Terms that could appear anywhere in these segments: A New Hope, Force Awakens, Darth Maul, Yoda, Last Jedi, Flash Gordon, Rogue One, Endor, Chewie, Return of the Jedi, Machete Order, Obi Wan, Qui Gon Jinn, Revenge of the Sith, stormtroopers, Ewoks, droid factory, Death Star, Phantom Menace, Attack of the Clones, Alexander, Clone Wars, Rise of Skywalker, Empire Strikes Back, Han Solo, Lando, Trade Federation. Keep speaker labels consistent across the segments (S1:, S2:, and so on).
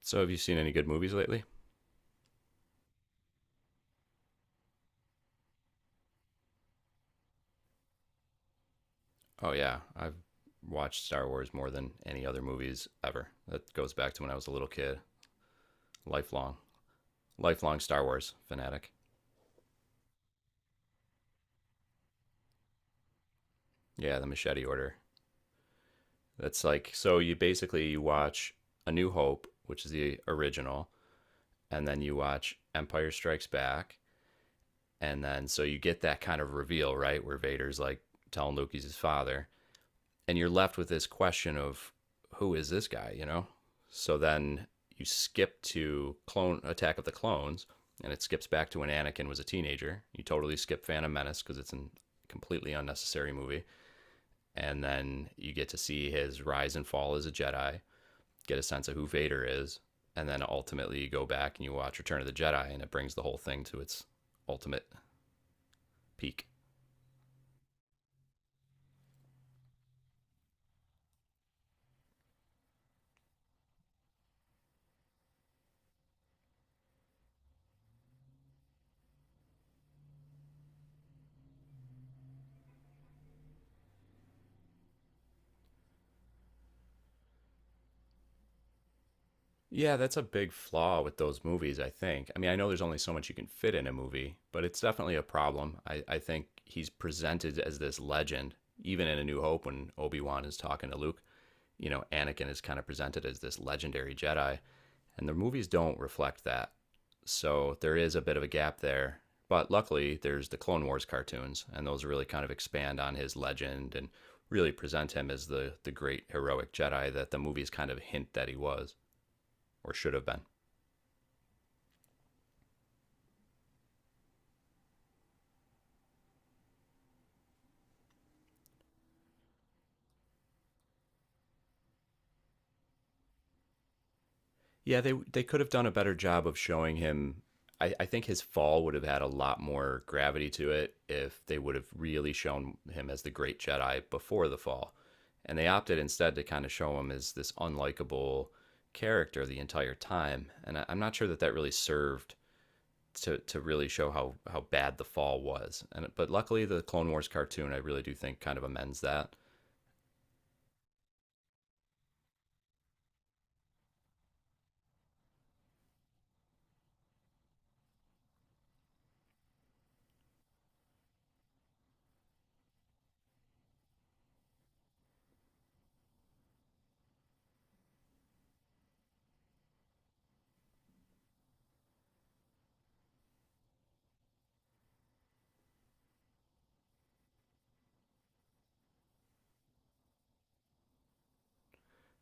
S1: So, have you seen any good movies lately? Oh, yeah. I've watched Star Wars more than any other movies ever. That goes back to when I was a little kid. Lifelong. Lifelong Star Wars fanatic. Yeah, the Machete Order. That's like, so you basically you watch A New Hope, which is the original, and then you watch Empire Strikes Back. And then, so you get that kind of reveal, right? Where Vader's like telling Luke he's his father, and you're left with this question of who is this guy, So then you skip to clone Attack of the Clones, and it skips back to when Anakin was a teenager. You totally skip Phantom Menace because it's a completely unnecessary movie, and then you get to see his rise and fall as a Jedi, get a sense of who Vader is, and then ultimately you go back and you watch Return of the Jedi, and it brings the whole thing to its ultimate peak. Yeah, that's a big flaw with those movies, I think. I mean, I know there's only so much you can fit in a movie, but it's definitely a problem. I think he's presented as this legend, even in A New Hope when Obi Wan is talking to Luke. You know, Anakin is kind of presented as this legendary Jedi, and the movies don't reflect that. So there is a bit of a gap there. But luckily, there's the Clone Wars cartoons, and those really kind of expand on his legend and really present him as the great heroic Jedi that the movies kind of hint that he was or should have been. Yeah, they could have done a better job of showing him. I think his fall would have had a lot more gravity to it if they would have really shown him as the great Jedi before the fall. And they opted instead to kind of show him as this unlikable character the entire time. And I'm not sure that that really served to really show how bad the fall was. And but luckily the Clone Wars cartoon I really do think kind of amends that.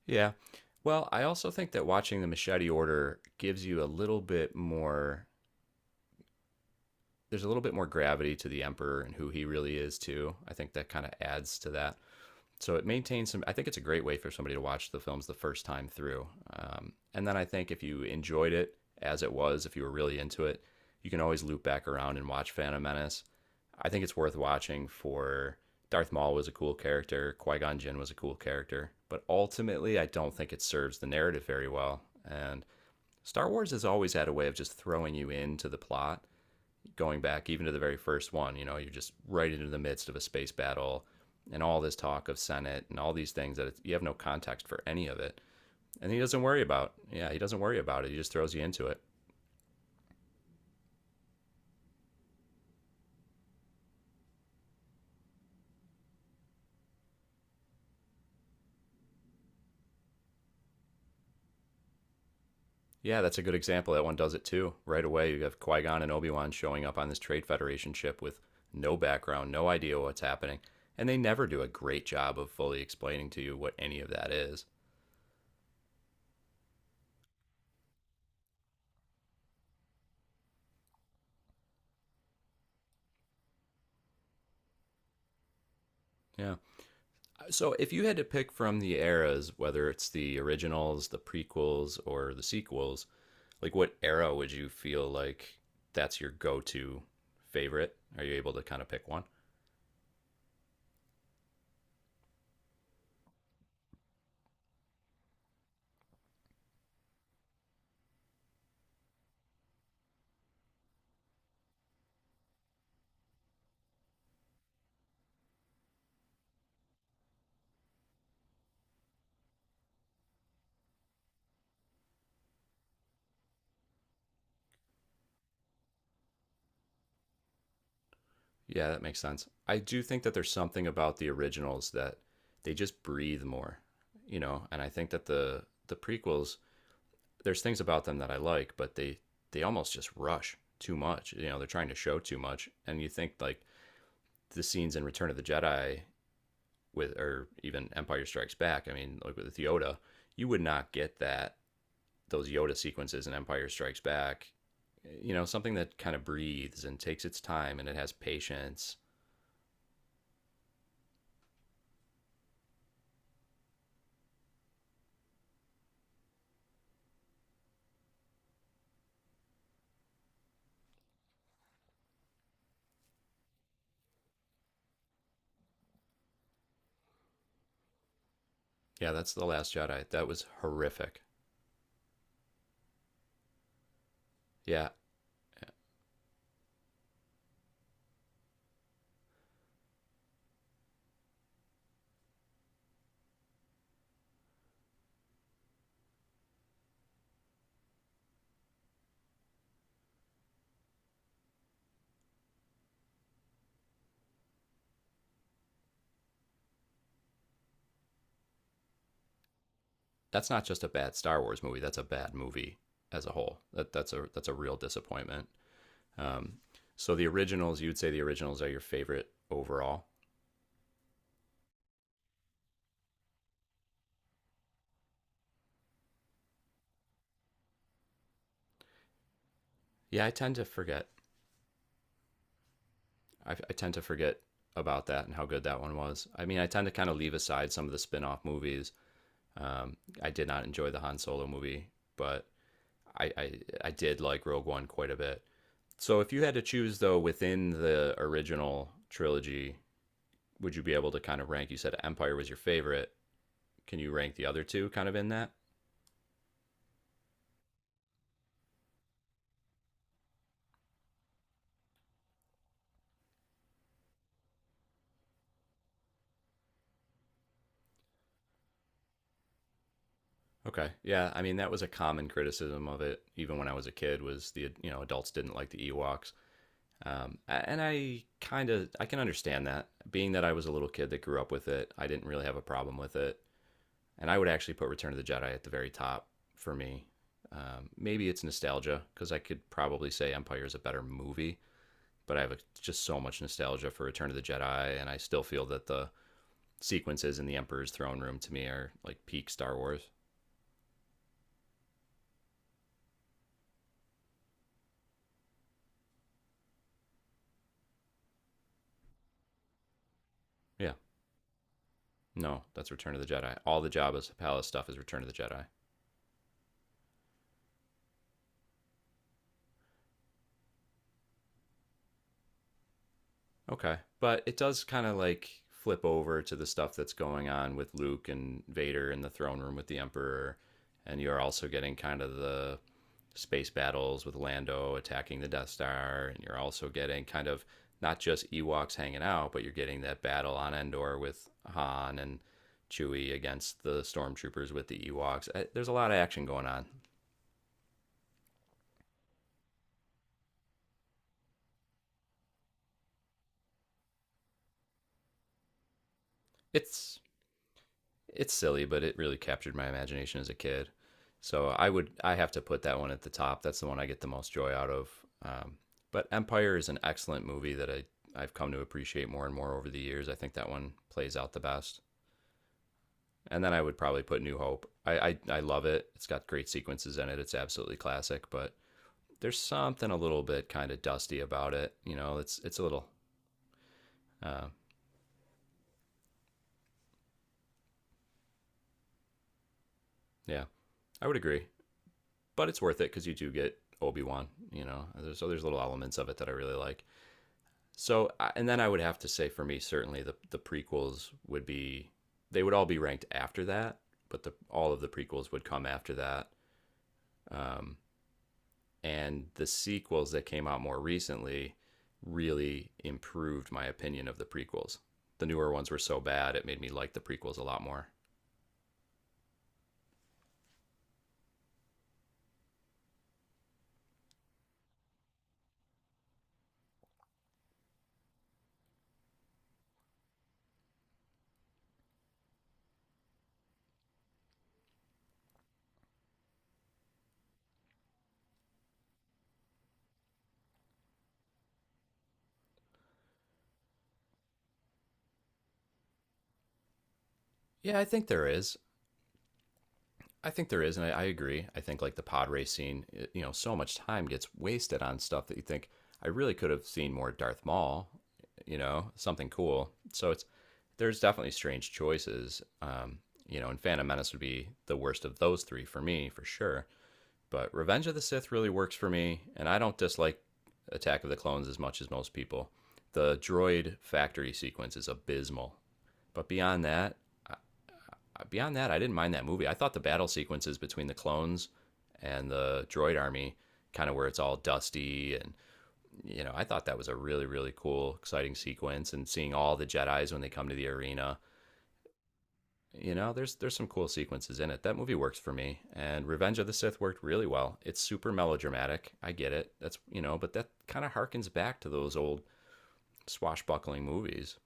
S1: Yeah. Well, I also think that watching the Machete Order gives you a little bit more. There's a little bit more gravity to the emperor and who he really is too. I think that kind of adds to that. So it maintains some. I think it's a great way for somebody to watch the films the first time through. And then I think if you enjoyed it as it was, if you were really into it, you can always loop back around and watch Phantom Menace. I think it's worth watching for Darth Maul was a cool character, Qui Gon Jinn was a cool character, but ultimately, I don't think it serves the narrative very well. And Star Wars has always had a way of just throwing you into the plot going back even to the very first one, you know, you're just right into the midst of a space battle and all this talk of Senate and all these things that it's, you have no context for any of it. And he doesn't worry about. Yeah, he doesn't worry about it. He just throws you into it. Yeah, that's a good example. That one does it too. Right away, you have Qui Gon and Obi Wan showing up on this Trade Federation ship with no background, no idea what's happening, and they never do a great job of fully explaining to you what any of that is. Yeah. So, if you had to pick from the eras, whether it's the originals, the prequels, or the sequels, like what era would you feel like that's your go to favorite? Are you able to kind of pick one? Yeah, that makes sense. I do think that there's something about the originals that they just breathe more, you know, and I think that the prequels, there's things about them that I like, but they almost just rush too much. You know, they're trying to show too much, and you think like the scenes in Return of the Jedi with or even Empire Strikes Back. I mean, like with Yoda, you would not get that those Yoda sequences in Empire Strikes Back. You know, something that kind of breathes and takes its time and it has patience. Yeah, that's the Last Jedi. That was horrific. Yeah, that's not just a bad Star Wars movie. That's a bad movie as a whole. That that's a real disappointment. Um, so the originals, you'd say the originals are your favorite overall. Yeah, I tend to forget. I tend to forget about that and how good that one was. I mean, I tend to kind of leave aside some of the spin off movies. Um, I did not enjoy the Han Solo movie, but I, I, I did like Rogue One quite a bit. So if you had to choose, though, within the original trilogy, would you be able to kind of rank? You said Empire was your favorite. Can you rank the other two kind of in that? Okay. Yeah. I mean, that was a common criticism of it, even when I was a kid, was the, you know, adults didn't like the Ewoks. Um, and I kind of I can understand that, being that I was a little kid that grew up with it. I didn't really have a problem with it, and I would actually put Return of the Jedi at the very top for me. Maybe it's nostalgia because I could probably say Empire is a better movie, but I have a, just so much nostalgia for Return of the Jedi, and I still feel that the sequences in the Emperor's throne room to me are like peak Star Wars. Yeah, no, that's Return of the Jedi. All the Jabba's palace stuff is Return of the Jedi. Okay. But it does kind of like flip over to the stuff that's going on with Luke and Vader in the throne room with the Emperor. And you're also getting kind of the space battles with Lando attacking the Death Star. And you're also getting kind of not just Ewoks hanging out, but you're getting that battle on Endor with Han and Chewie against the stormtroopers with the Ewoks. There's a lot of action going on. It's it's silly, but it really captured my imagination as a kid. So I have to put that one at the top. That's the one I get the most joy out of. Um, but Empire is an excellent movie that I've come to appreciate more and more over the years. I think that one plays out the best. And then I would probably put New Hope. I love it. It's got great sequences in it. It's absolutely classic. But there's something a little bit kind of dusty about it. You know, it's a little uh, yeah. I would agree, but it's worth it because you do get Obi Wan. You know, so there's little elements of it that I really like. So, and then I would have to say for me, certainly the prequels would be they would all be ranked after that, but the all of the prequels would come after that. Um, and the sequels that came out more recently really improved my opinion of the prequels. The newer ones were so bad it made me like the prequels a lot more. Yeah, I think there is. I think there is, and I agree. I think like the pod racing, it- you know, so much time gets wasted on stuff that you think I really could have seen more Darth Maul, you know, something cool. So it's there's definitely strange choices, you know, and Phantom Menace would be the worst of those three for me for sure. But Revenge of the Sith really works for me, and I don't dislike Attack of the Clones as much as most people. The droid factory sequence is abysmal, but beyond that, I didn't mind that movie. I thought the battle sequences between the clones and the droid army, kind of where it's all dusty, and you know, I thought that was a really really cool, exciting sequence. And seeing all the Jedi's when they come to the arena, you know, there's some cool sequences in it. That movie works for me. And Revenge of the Sith worked really well. It's super melodramatic. I get it. That's you know, but that kind of harkens back to those old swashbuckling movies.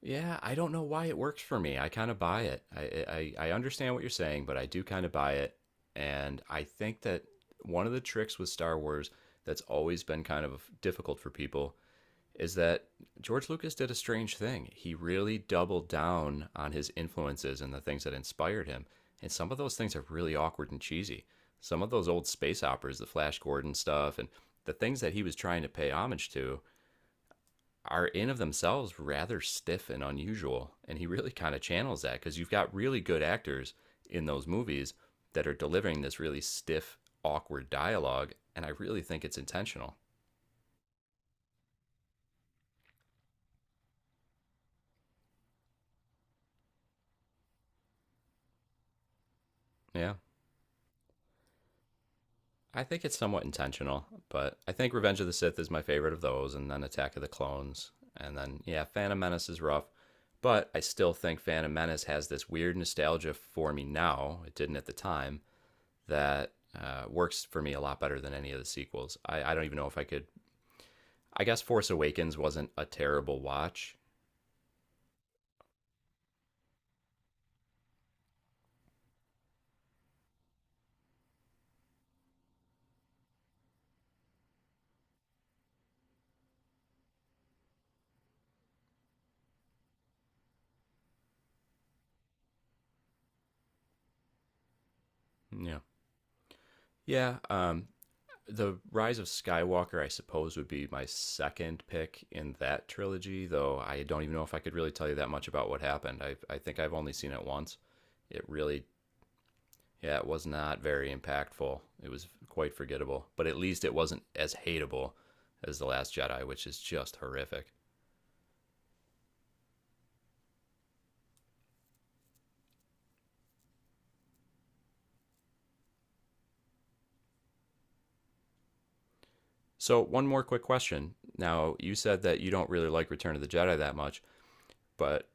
S1: Yeah, I don't know why it works for me. I kind of buy it. I understand what you're saying, but I do kind of buy it, and I think that one of the tricks with Star Wars that's always been kind of difficult for people is that George Lucas did a strange thing. He really doubled down on his influences and the things that inspired him, and some of those things are really awkward and cheesy. Some of those old space operas, the Flash Gordon stuff, and the things that he was trying to pay homage to are in of themselves rather stiff and unusual. And he really kind of channels that because you've got really good actors in those movies that are delivering this really stiff, awkward dialogue. And I really think it's intentional. Yeah. I think it's somewhat intentional, but I think Revenge of the Sith is my favorite of those, and then Attack of the Clones. And then, yeah, Phantom Menace is rough, but I still think Phantom Menace has this weird nostalgia for me now. It didn't at the time. That Works for me a lot better than any of the sequels. I don't even know if I could. I guess Force Awakens wasn't a terrible watch. Yeah. Yeah. The Rise of Skywalker, I suppose, would be my second pick in that trilogy, though I don't even know if I could really tell you that much about what happened. I think I've only seen it once. It really, yeah, it was not very impactful. It was quite forgettable, but at least it wasn't as hateable as The Last Jedi, which is just horrific. So, one more quick question. Now, you said that you don't really like Return of the Jedi that much, but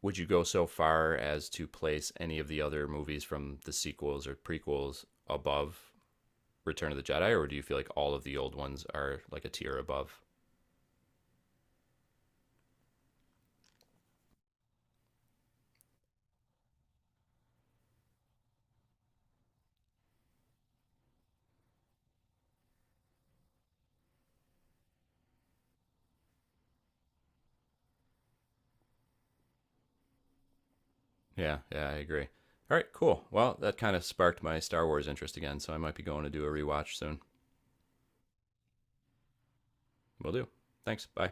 S1: would you go so far as to place any of the other movies from the sequels or prequels above Return of the Jedi, or do you feel like all of the old ones are like a tier above? Yeah, yeah, I agree. All right, cool. Well, that kind of sparked my Star Wars interest again, so I might be going to do a rewatch soon. Will do. Thanks. Bye.